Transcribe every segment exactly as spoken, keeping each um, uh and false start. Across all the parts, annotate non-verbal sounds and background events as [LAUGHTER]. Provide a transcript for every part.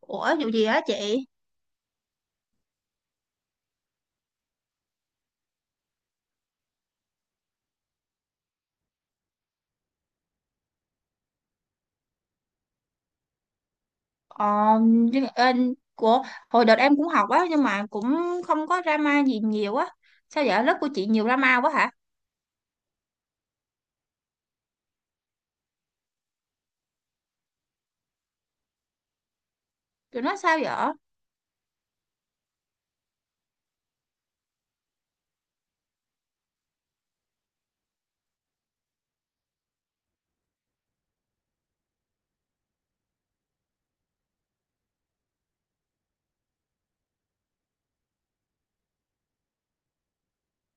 Ủa vụ gì á chị? Ờ, nhưng em của hồi đợt em cũng học á, nhưng mà cũng không có drama gì nhiều á. Sao vậy? Lớp của chị nhiều drama quá hả? Tụi nó sao vậy?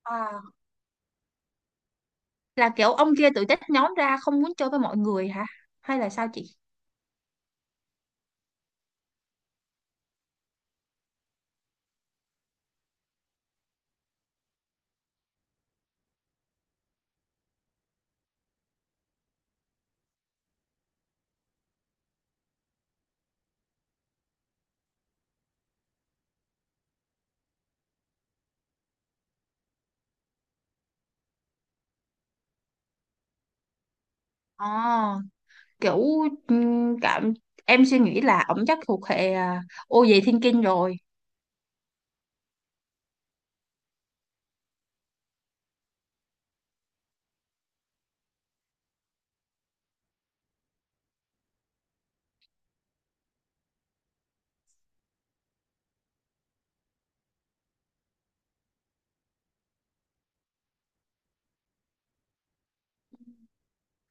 À, là kiểu ông kia tự tách nhóm ra không muốn chơi với mọi người hả? Hay là sao chị? Ờ, kiểu ừm, cảm em suy nghĩ là ổng chắc thuộc hệ à, ô về thiên kinh rồi.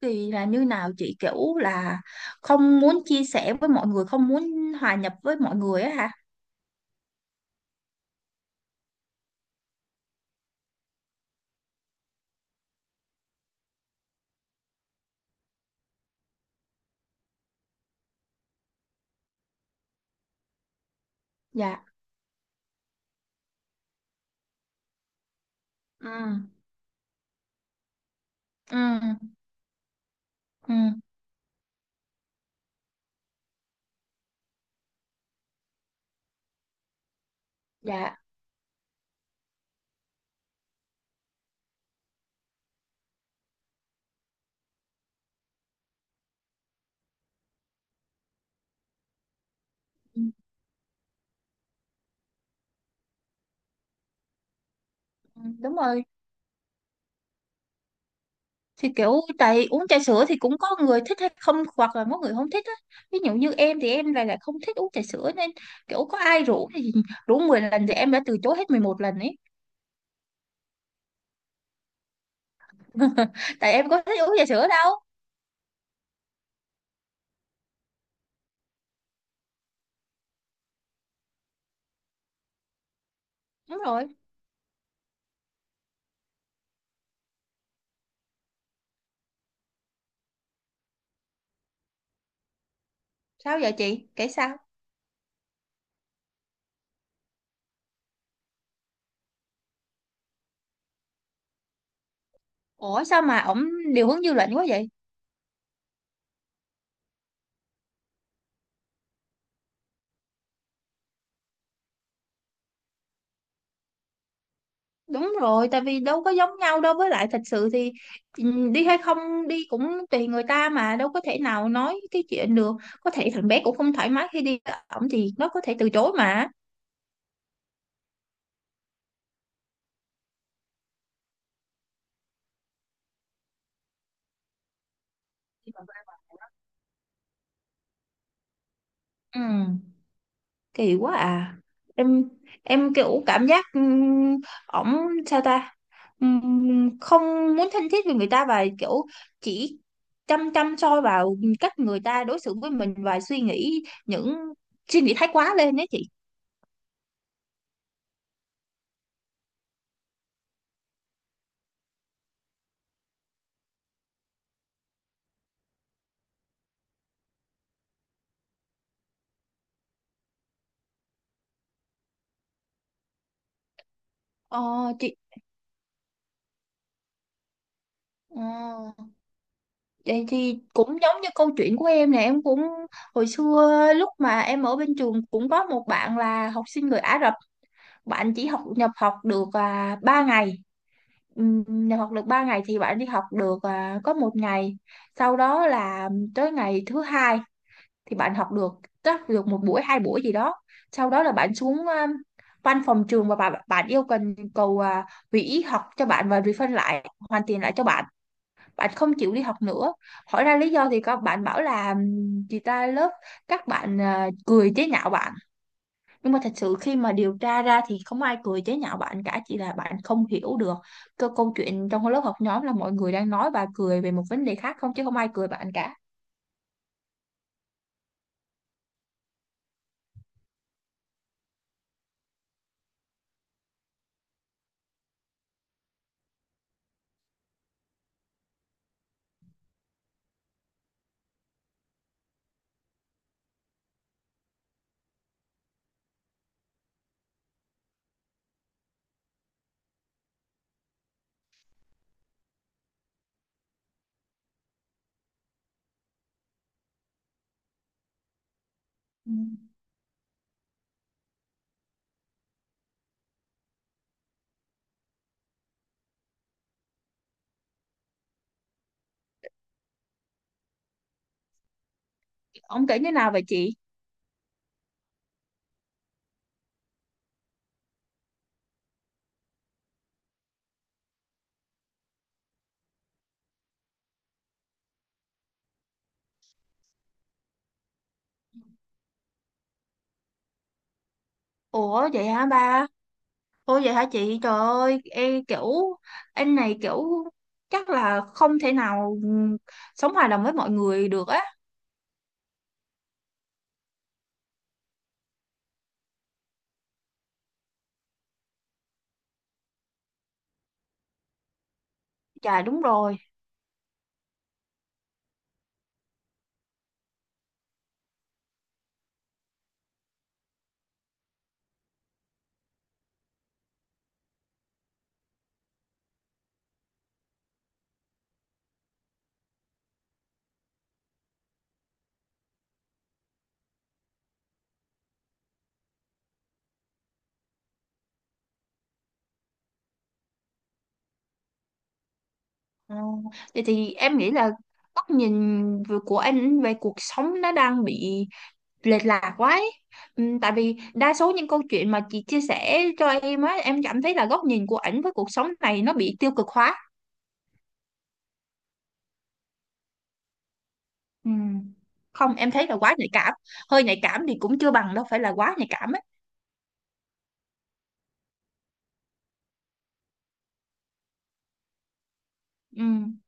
Thì là như nào chị, kiểu là không muốn chia sẻ với mọi người, không muốn hòa nhập với mọi người á hả? Dạ. Ừ. Ừ. Ừ, dạ. Ừ, ừ, đúng rồi. Thì kiểu tại uống trà sữa thì cũng có người thích hay không, hoặc là có người không thích á. Ví dụ như em thì em lại lại không thích uống trà sữa, nên kiểu có ai rủ thì [LAUGHS] rủ mười lần thì em đã từ chối hết mười một lần ấy. [LAUGHS] Tại em có thích uống trà sữa đâu. Đúng rồi. Sao vậy chị kể sao? Ủa sao mà ổng điều hướng dư luận quá vậy? Đúng rồi, tại vì đâu có giống nhau đâu, với lại thật sự thì ừ, đi hay không đi cũng tùy người ta, mà đâu có thể nào nói cái chuyện được. Có thể thằng bé cũng không thoải mái khi đi với ổng thì nó có thể từ chối mà. Ừ, kỳ quá à. Em em kiểu cảm giác, ừ, ổng sao ta? Ừ, Không muốn thân thiết với người ta và kiểu chỉ chăm chăm soi vào cách người ta đối xử với mình, và suy nghĩ những suy nghĩ thái quá lên đấy chị. Ờ, chị Ờ, Vậy thì cũng giống như câu chuyện của em nè, em cũng hồi xưa lúc mà em ở bên trường cũng có một bạn là học sinh người Ả Rập. Bạn chỉ học nhập học được à, ba ngày. Ừm, nhập học được ba ngày thì bạn đi học được à, có một ngày. Sau đó là tới ngày thứ hai thì bạn học được chắc được một buổi hai buổi gì đó. Sau đó là bạn xuống à, văn phòng trường, và bạn, bạn yêu cần cầu à, hủy học cho bạn và refund lại, hoàn tiền lại cho bạn. Bạn không chịu đi học nữa. Hỏi ra lý do thì các bạn bảo là chị ta lớp các bạn à, cười chế nhạo bạn. Nhưng mà thật sự khi mà điều tra ra thì không ai cười chế nhạo bạn cả, chỉ là bạn không hiểu được cơ câu chuyện trong lớp học nhóm, là mọi người đang nói và cười về một vấn đề khác, không chứ không ai cười bạn cả. Ừ. Ông kể như nào vậy chị? Ủa vậy hả ba? Ủa vậy hả chị, trời ơi em kiểu anh này kiểu chắc là không thể nào ừ, sống hòa đồng với mọi người được á. Chà, đúng rồi. Ờ, Vậy thì em nghĩ là góc nhìn vừa- của anh về cuộc sống nó đang bị lệch lạc quá ấy. Ừm, Tại vì đa số những câu chuyện mà chị chia sẻ cho em á, em cảm thấy là góc nhìn của ảnh với cuộc sống này nó bị tiêu cực hóa. Ừm. Không, em thấy là quá nhạy cảm. Hơi nhạy cảm thì cũng chưa bằng đâu, phải là quá nhạy cảm ấy. Ừm.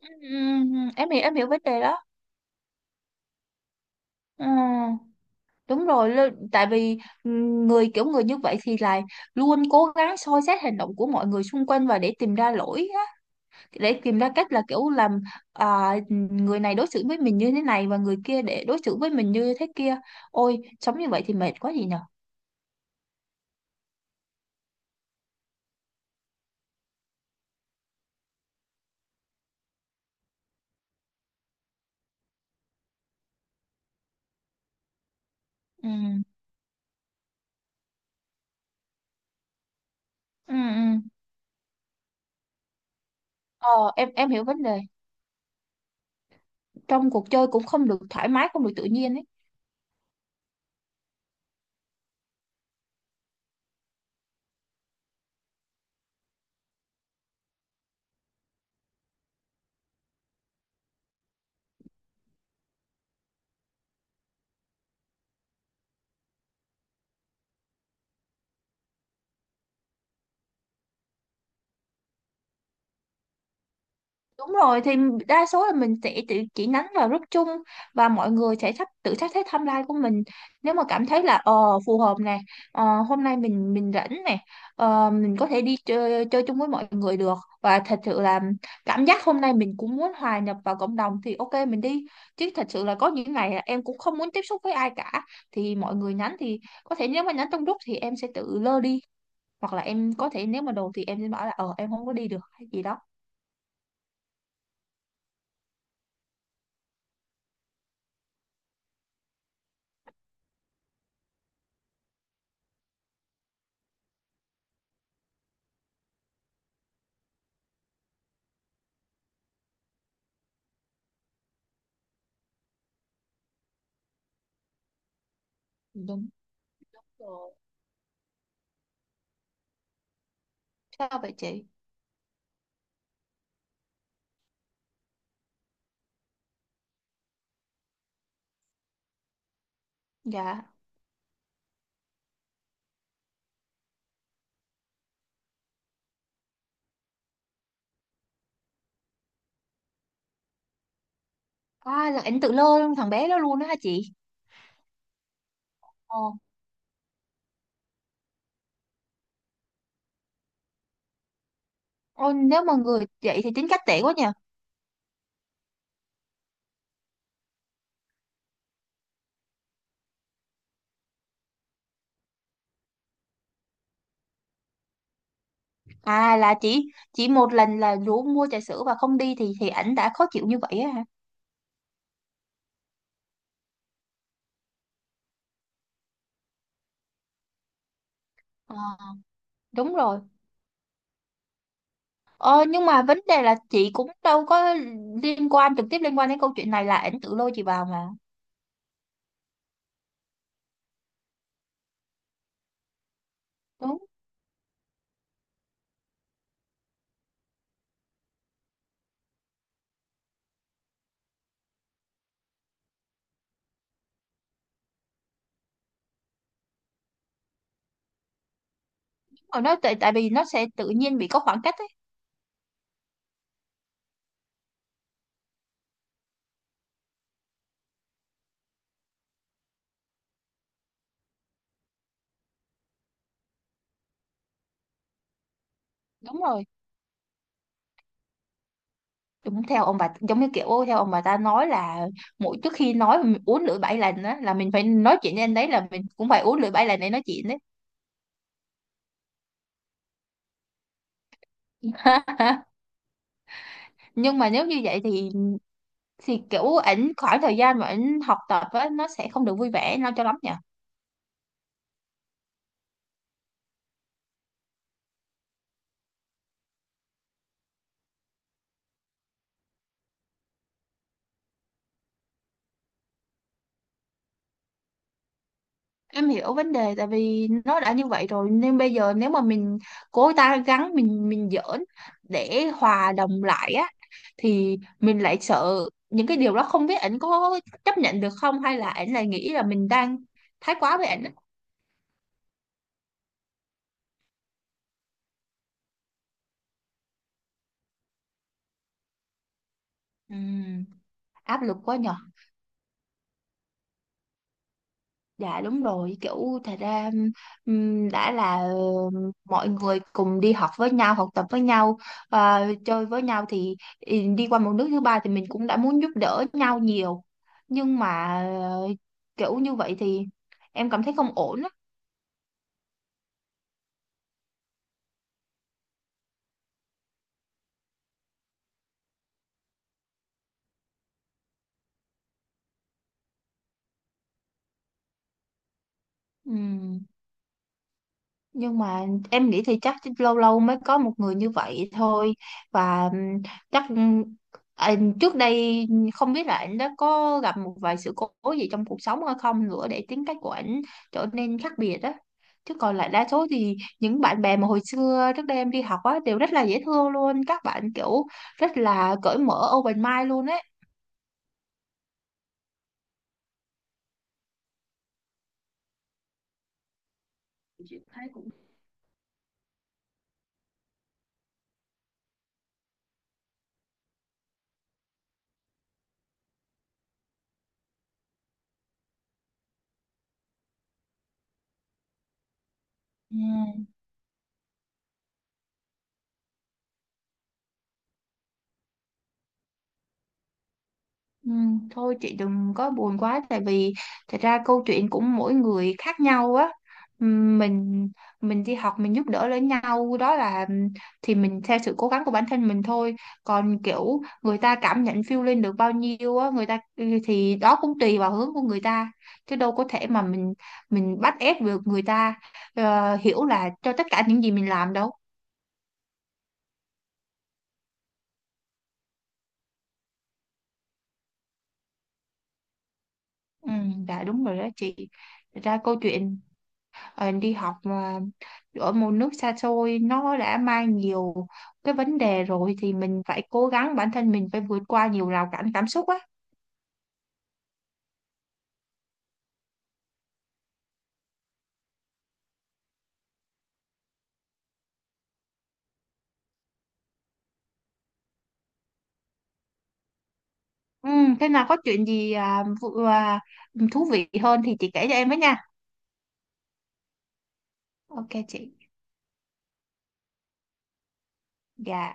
Ừm, em hiểu, em hiểu vấn đề đó. Ờ, Đúng rồi, lơ- tại vì ừm, người kiểu người như vậy thì là luôn cố gắng soi xét hành động của mọi người xung quanh và để tìm ra lỗi, để tìm ra cách là kiểu làm à, người này đối xử với mình như thế này và người kia để đối xử với mình như thế kia. Ôi, sống như vậy thì mệt quá gì nhở. Ừ ừ ừ ờ em em hiểu vấn đề, trong cuộc chơi cũng không được thoải mái, không được tự nhiên ấy. Đúng rồi, thì đa số là mình sẽ tự chỉ nhắn vào group chung và mọi người sẽ sắp tự sắp xếp timeline của mình, nếu mà cảm thấy là ờ phù hợp này, ờ, hôm nay mình mình rảnh này, ờ, mình có thể đi chơi chơi chung với mọi người được. Và thật sự là cảm giác hôm nay mình cũng muốn hòa nhập vào cộng đồng thì ok mình đi. Chứ thật sự là có những ngày là em cũng không muốn tiếp xúc với ai cả, thì mọi người nhắn thì có thể nếu mà nhắn trong group thì em sẽ tự lơ đi, hoặc là em có thể nếu mà đồ thì em sẽ bảo là ờ em không có đi được hay gì đó. Đúng rồi. Sao vậy chị? Dạ. À là ảnh tự lơ thằng bé đó luôn đó hả chị? Ồ. Ôi, nếu mà người vậy thì tính cách tệ quá nhỉ. À là chỉ chỉ một lần là rủ mua trà sữa và không đi thì thì ảnh đã khó chịu như vậy á hả? Ờ, Đúng rồi. Ờ, nhưng mà vấn đề là chị cũng đâu có liên quan trực tiếp, liên quan đến câu chuyện này là ảnh tự lôi chị vào mà. Đúng. Rồi nó tại tại vì nó sẽ tự nhiên bị có khoảng cách ấy. Đúng rồi. Đúng theo ông bà, giống như kiểu theo ông bà ta nói là mỗi trước khi nói mà mình uống lưỡi bảy lần á, là mình phải nói chuyện với anh đấy là mình cũng phải uống lưỡi bảy lần để nói chuyện đấy. [LAUGHS] Nhưng mà nếu như vậy thì thì kiểu ảnh khoảng thời gian mà ảnh học tập á nó sẽ không được vui vẻ nó cho lắm nhỉ. Em hiểu vấn đề, tại vì nó đã như vậy rồi nên bây giờ nếu mà mình cố ta gắng mình mình giỡn để hòa đồng lại á, thì mình lại sợ những cái điều đó không biết ảnh có chấp nhận được không, hay là ảnh lại nghĩ là mình đang thái quá với ảnh á. Ừm, Áp lực quá nhở. Dạ đúng rồi, kiểu thật ra ừm, đã là mọi người cùng đi học với nhau, học tập với nhau, à, chơi với nhau thì ừ, đi qua một nước thứ ba thì mình cũng đã muốn giúp đỡ nhau nhiều. Nhưng mà ờ, kiểu như vậy thì em cảm thấy không ổn á. Ừm. Nhưng mà em nghĩ thì chắc lâu lâu mới có một người như vậy thôi, và ừm, chắc ừm, anh trước đây không biết là anh đã có gặp một vài sự cố gì trong cuộc sống hay không nữa để tính cách của anh trở nên khác biệt đó. Chứ còn lại đa số thì những bạn bè mà hồi xưa trước đây em đi học á đều rất là dễ thương luôn, các bạn kiểu rất là cởi mở, open mind luôn ấy. Chị thấy cũng. Ừ. Ừ, Thôi chị đừng có buồn quá, tại vì thật ra câu chuyện của mỗi người khác nhau á. Ừm, mình mình đi học mình giúp đỡ lẫn nhau, đó là ừ, thì mình theo sự cố gắng của bản thân mình thôi. Còn kiểu người ta cảm nhận feel lên được bao nhiêu á, người ta ừ, thì đó cũng tùy vào hướng của người ta, chứ đâu có thể mà mình mình bắt ép được người ta ờ, hiểu là cho tất cả những gì mình làm đâu. ừ, dạ đúng rồi đó chị. Thật ra câu chuyện ờ, đi học mà ở một nước xa xôi nó đã mang nhiều cái vấn đề rồi, thì mình phải cố gắng bản thân mình phải vượt qua nhiều rào cản cảm xúc á. ừ, Thế nào có chuyện gì à, vụ- à, thú vị hơn thì chị kể cho em với nha. Ok chị. Dạ.